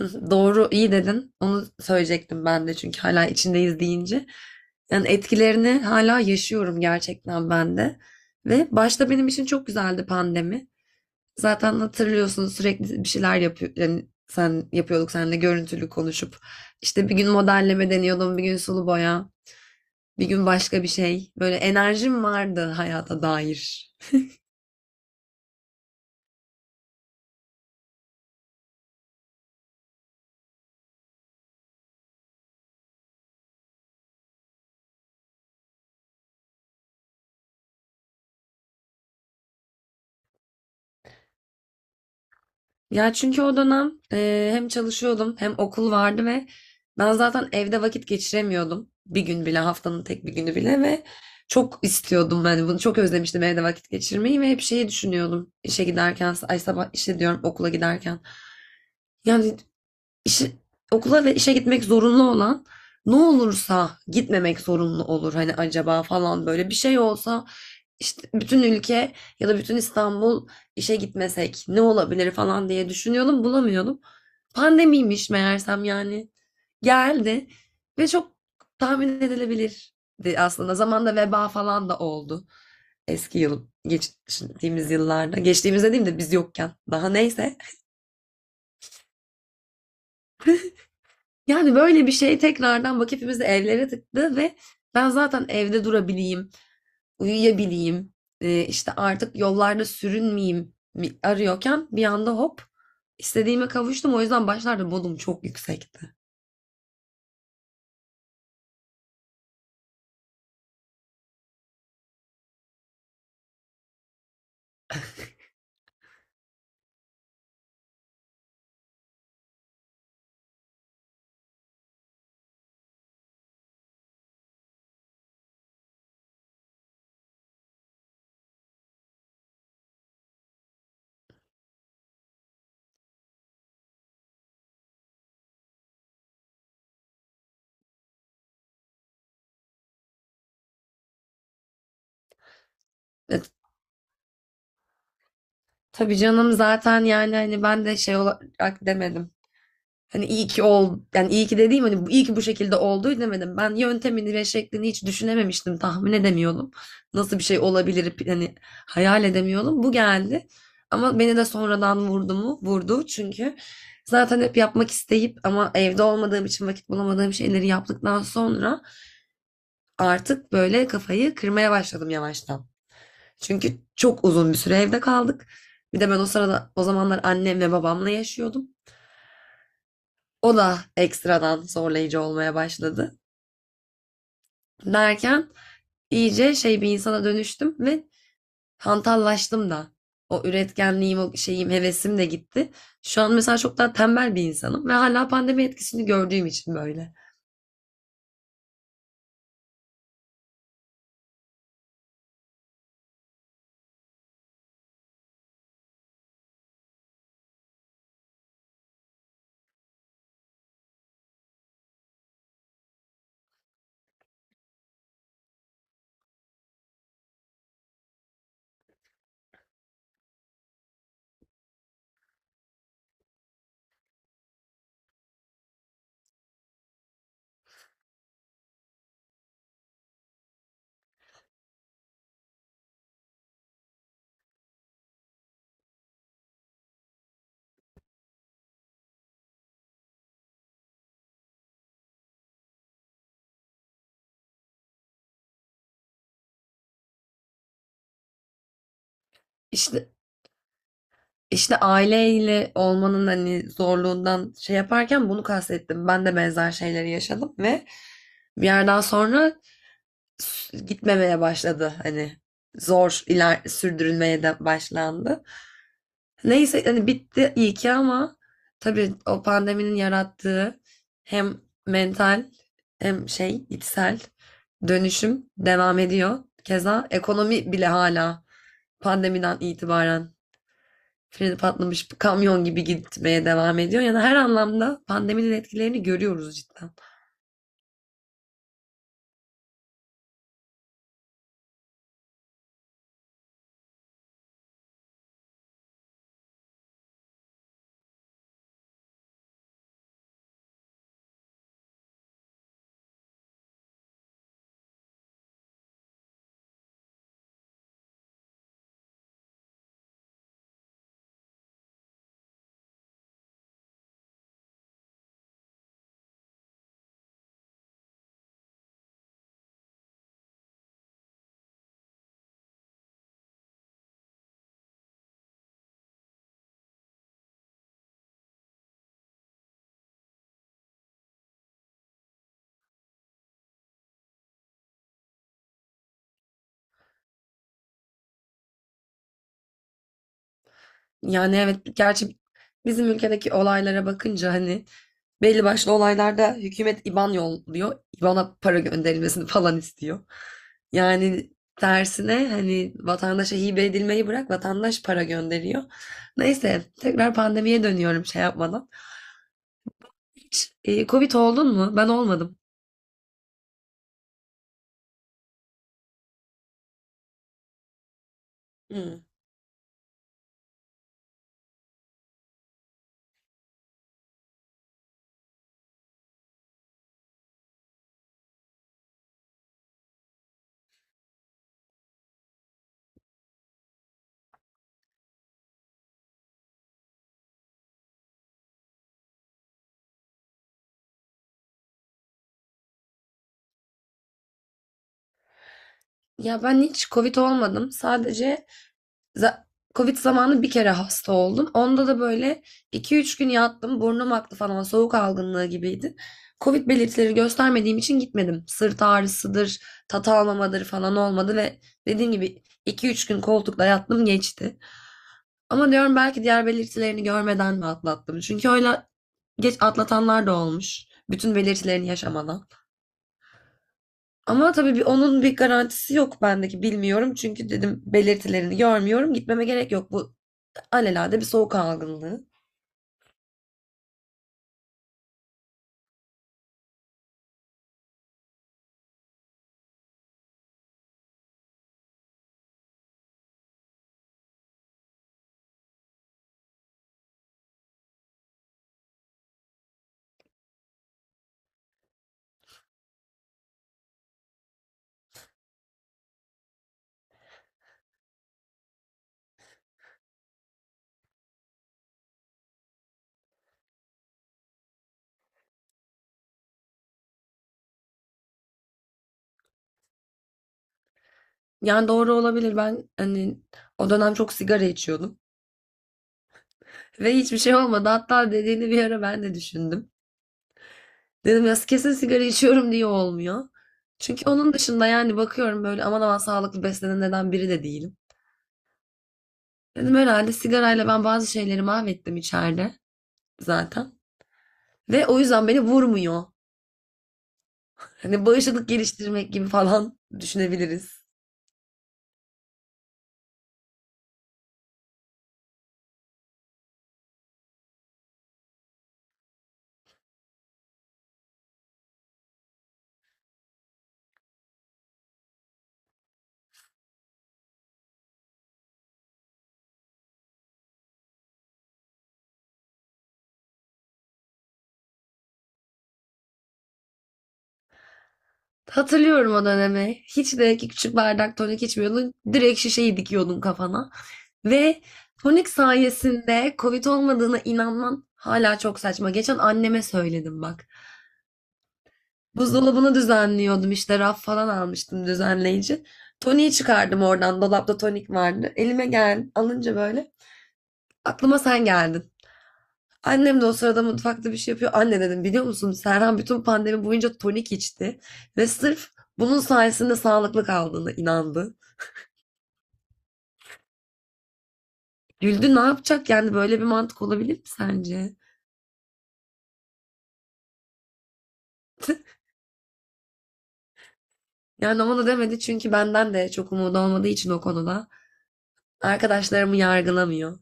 Hı, Doğru, iyi dedin. Onu söyleyecektim ben de çünkü hala içindeyiz deyince. Yani etkilerini hala yaşıyorum gerçekten ben de. Ve başta benim için çok güzeldi pandemi. Zaten hatırlıyorsun sürekli bir şeyler yapıyor. Yani sen yapıyorduk seninle görüntülü konuşup. İşte bir gün modelleme deniyordum, bir gün sulu boya, bir gün başka bir şey. Böyle enerjim vardı hayata dair. Ya çünkü o dönem hem çalışıyordum hem okul vardı ve ben zaten evde vakit geçiremiyordum. Bir gün bile haftanın tek bir günü bile ve çok istiyordum ben bunu, çok özlemiştim evde vakit geçirmeyi ve hep şeyi düşünüyordum işe giderken, ay sabah işe diyorum okula giderken yani işe- okula ve işe gitmek zorunlu olan, ne olursa gitmemek zorunlu olur hani, acaba falan böyle bir şey olsa, işte bütün ülke ya da bütün İstanbul işe gitmesek ne olabilir falan diye düşünüyordum, bulamıyordum. Pandemiymiş meğersem. Yani geldi ve çok tahmin edilebilirdi aslında. Zamanda veba falan da oldu eski yıl, geçtiğimiz yıllarda, geçtiğimiz dediğim de biz yokken daha, neyse. Yani böyle bir şey tekrardan bak hepimizi evlere tıktı ve ben zaten evde durabileyim, uyuyabileyim, işte artık yollarda sürünmeyeyim arıyorken bir anda hop istediğime kavuştum. O yüzden başlarda modum çok yüksekti. E, tabii canım, zaten yani hani ben de şey olarak demedim. Hani yani iyi ki dediğim hani iyi ki bu şekilde oldu demedim. Ben yöntemini ve şeklini hiç düşünememiştim, tahmin edemiyordum. Nasıl bir şey olabilir hani, hayal edemiyordum. Bu geldi. Ama beni de sonradan vurdu mu? Vurdu, çünkü zaten hep yapmak isteyip ama evde olmadığım için vakit bulamadığım şeyleri yaptıktan sonra artık böyle kafayı kırmaya başladım yavaştan. Çünkü çok uzun bir süre evde kaldık. Bir de ben o sırada, o zamanlar annemle babamla yaşıyordum. O da ekstradan zorlayıcı olmaya başladı. Derken iyice şey bir insana dönüştüm ve hantallaştım da. O üretkenliğim, o şeyim, hevesim de gitti. Şu an mesela çok daha tembel bir insanım ve hala pandemi etkisini gördüğüm için böyle. İşte işte aileyle olmanın hani zorluğundan şey yaparken bunu kastettim. Ben de benzer şeyleri yaşadım ve bir yerden sonra gitmemeye başladı. Hani zor iler sürdürülmeye de başlandı. Neyse hani bitti iyi ki, ama tabii o pandeminin yarattığı hem mental hem şey içsel dönüşüm devam ediyor. Keza ekonomi bile hala pandemiden itibaren freni patlamış kamyon gibi gitmeye devam ediyor. Yani her anlamda pandeminin etkilerini görüyoruz cidden. Yani evet, gerçi bizim ülkedeki olaylara bakınca hani belli başlı olaylarda hükümet IBAN yolluyor. IBAN'a para gönderilmesini falan istiyor. Yani tersine hani vatandaşa hibe edilmeyi bırak, vatandaş para gönderiyor. Neyse, tekrar pandemiye dönüyorum şey yapmadan. Hiç Covid oldun mu? Ben olmadım. Hmm. Ya ben hiç Covid olmadım. Sadece Za- Covid zamanı bir kere hasta oldum. Onda da böyle iki üç gün yattım. Burnum aktı falan. Soğuk algınlığı gibiydi. Covid belirtileri göstermediğim için gitmedim. Sırt ağrısıdır, tat almamadır falan olmadı ve dediğim gibi iki üç gün koltukta yattım, geçti. Ama diyorum belki diğer belirtilerini görmeden mi atlattım? Çünkü öyle geç atlatanlar da olmuş. Bütün belirtilerini yaşamadan. Ama tabii bir, onun bir garantisi yok bendeki, bilmiyorum. Çünkü dedim belirtilerini görmüyorum, gitmeme gerek yok. Bu alelade bir soğuk algınlığı. Yani doğru olabilir. Ben hani o dönem çok sigara içiyordum. Ve hiçbir şey olmadı. Hatta dediğini bir ara ben de düşündüm. Dedim ya kesin sigara içiyorum diye olmuyor. Çünkü onun dışında yani bakıyorum, böyle aman aman sağlıklı beslenenlerden biri de değilim. Dedim herhalde sigarayla ben bazı şeyleri mahvettim içeride zaten. Ve o yüzden beni vurmuyor. Hani bağışıklık geliştirmek gibi falan düşünebiliriz. Hatırlıyorum o dönemi. Hiç de ki küçük bardak tonik içmiyordun. Direkt şişeyi dikiyordun kafana. Ve tonik sayesinde Covid olmadığına inanman hala çok saçma. Geçen anneme söyledim bak. Buzdolabını düzenliyordum, işte raf falan almıştım düzenleyici. Toniği çıkardım oradan, dolapta tonik vardı. Elime gel alınca böyle aklıma sen geldin. Annem de o sırada mutfakta bir şey yapıyor. Anne dedim, biliyor musun Serhan bütün pandemi boyunca tonik içti ve sırf bunun sayesinde sağlıklı kaldığına inandı. Güldü, ne yapacak yani, böyle bir mantık olabilir mi sence? Yani ona da demedi çünkü benden de çok umudu olmadığı için o konuda. Arkadaşlarımı yargılamıyor.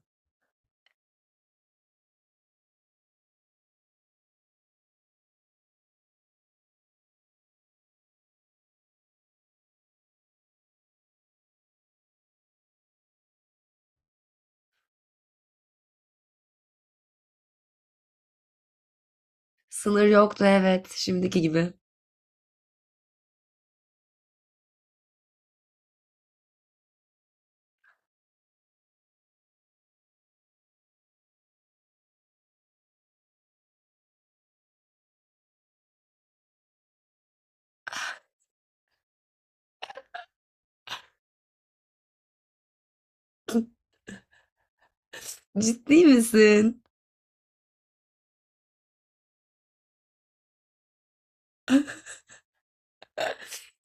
Sınır yoktu, evet, şimdiki gibi. Ciddi misin?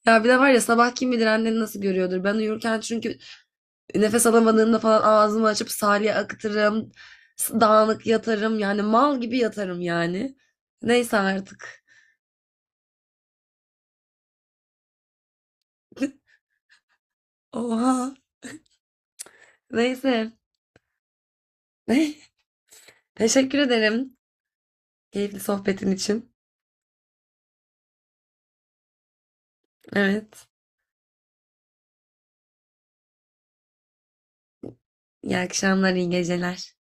Ya bir de var ya, sabah kim bilir annen nasıl görüyordur. Ben uyurken çünkü nefes alamadığımda falan ağzımı açıp salya akıtırım. Dağınık yatarım, yani mal gibi yatarım yani. Neyse artık. Oha. Neyse. Teşekkür ederim keyifli sohbetin için. Evet. İyi akşamlar, iyi geceler.